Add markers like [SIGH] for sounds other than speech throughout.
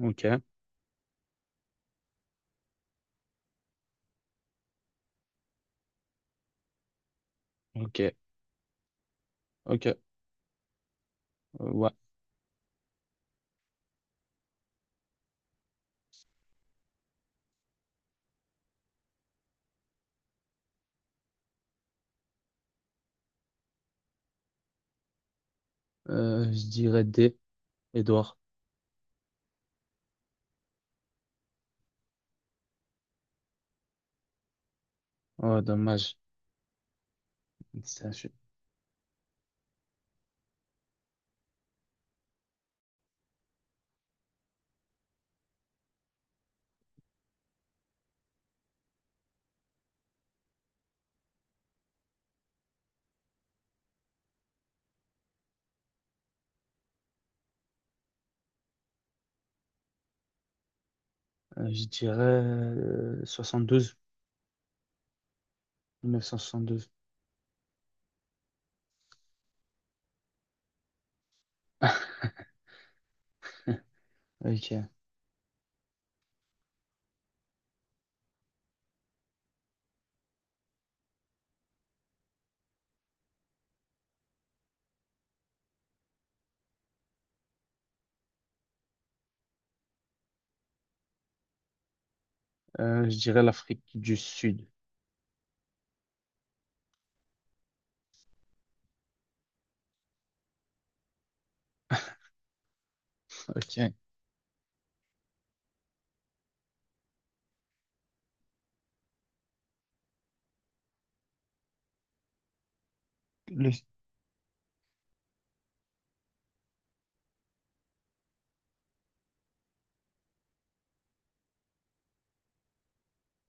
Ok, ok, ok. Ouais. Je dirais D, Edouard. Oh, dommage. Ça, je, je dirais 72, 1972. Ok. Je dirais l'Afrique du Sud. Ok. Le-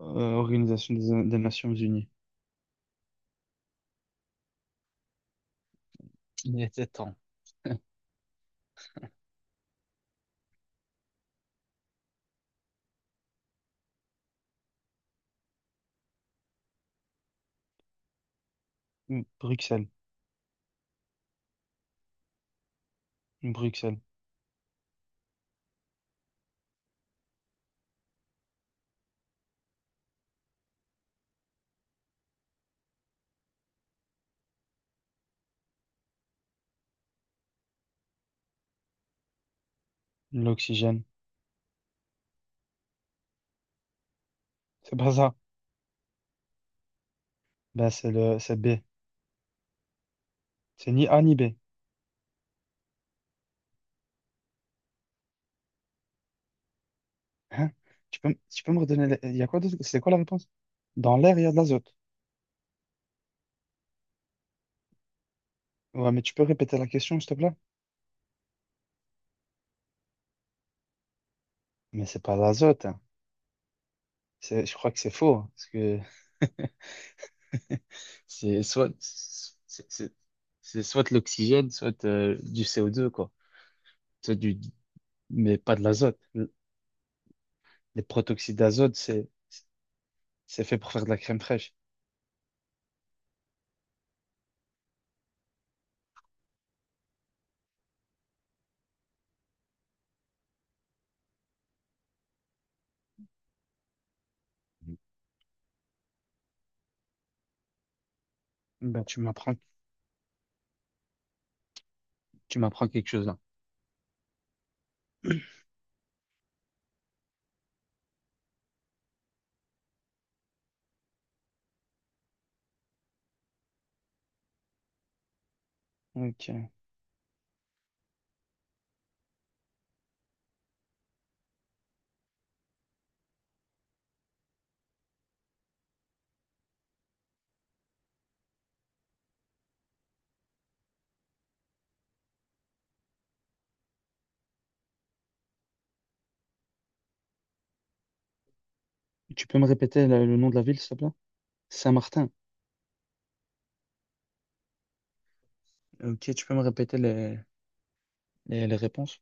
Organisation des Nations Unies. Il était temps. [LAUGHS] Bruxelles. Bruxelles. L'oxygène. C'est pas ça. Ben, c'est B. C'est ni A ni B. Hein? Tu peux me redonner Il y a quoi d'autre? C'est quoi la réponse? Dans l'air, il y a de l'azote. Ouais, mais tu peux répéter la question, s'il te plaît? Mais c'est pas l'azote, hein. Je crois que c'est faux, hein. Parce que [LAUGHS] c'est soit, c'est c'est- c'est soit l'oxygène, soit du CO2, quoi. Soit du, mais pas de l'azote. Les protoxydes d'azote, c'est fait pour faire de la crème fraîche. Mhm. Ben, tu m'apprends quelque chose là. Ok. Tu peux me répéter le nom de la ville, s'il te plaît? Saint-Martin. Ok, tu peux me répéter les réponses?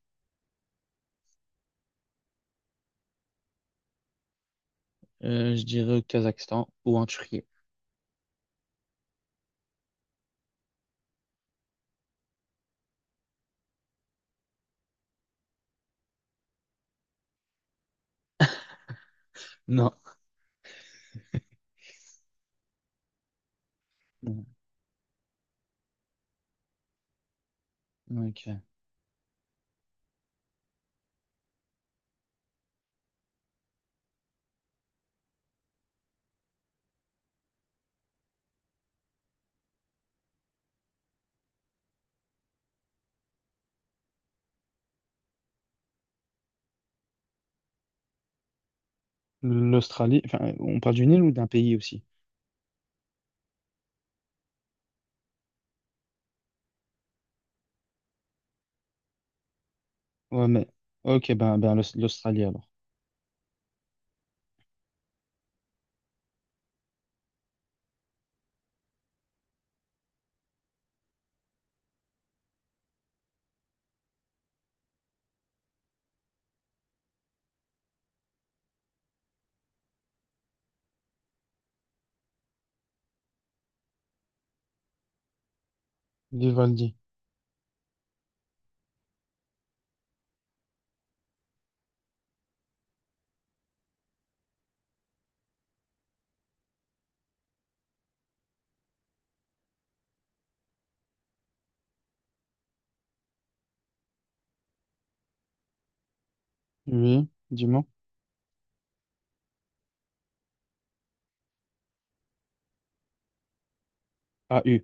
Je dirais au Kazakhstan ou en Turquie. Non. Non. Ok. L'Australie, enfin, on parle d'une île ou d'un pays aussi? Ouais, mais. Ok, ben l'Australie alors. Vivaldi. Oui, dis-moi. Ah, U.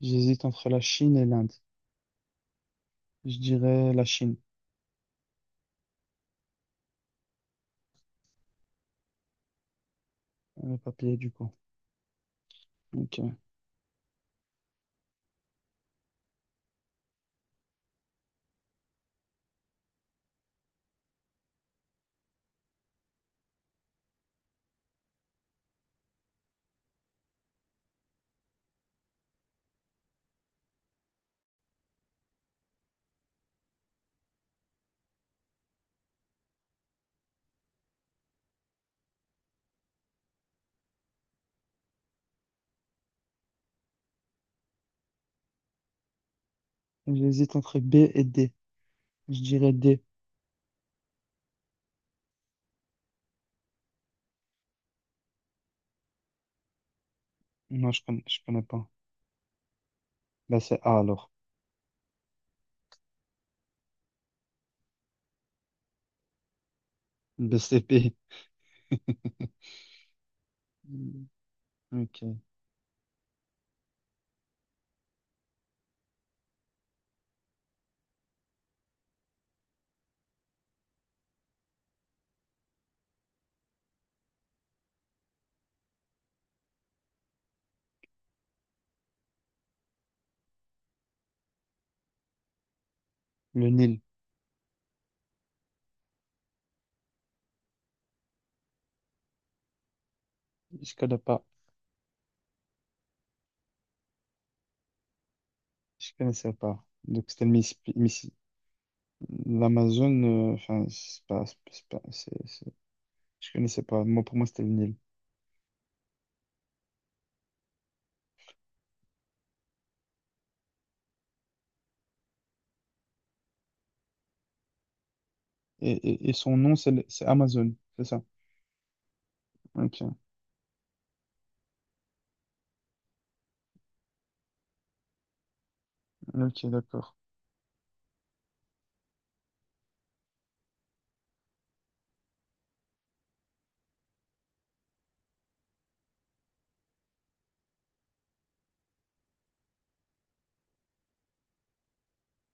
J'hésite entre la Chine et l'Inde. Je dirais la Chine. Le papier, du coup. Ok. J'hésite entre B et D. Je dirais D. Non, je connais pas. Bah c'est A alors. B C P. Ok. Le Nil. Je connais pas. Je connaissais pas. Donc, c'était le Mississippi. L'Amazone, enfin, c'est pas, c'est pas- c'est- je connaissais pas. Moi, pour moi, c'était le Nil. Et son nom, c'est c'est Amazon, c'est ça. Ok, ok, d'accord.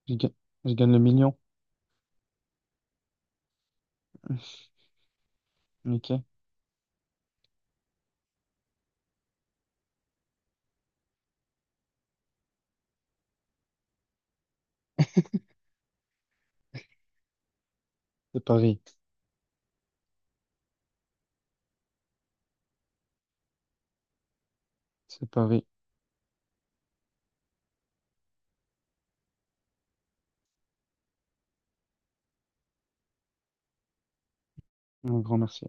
Je gagne, je gagne le million. Ok, c'est Paris, c'est Paris. Un grand merci.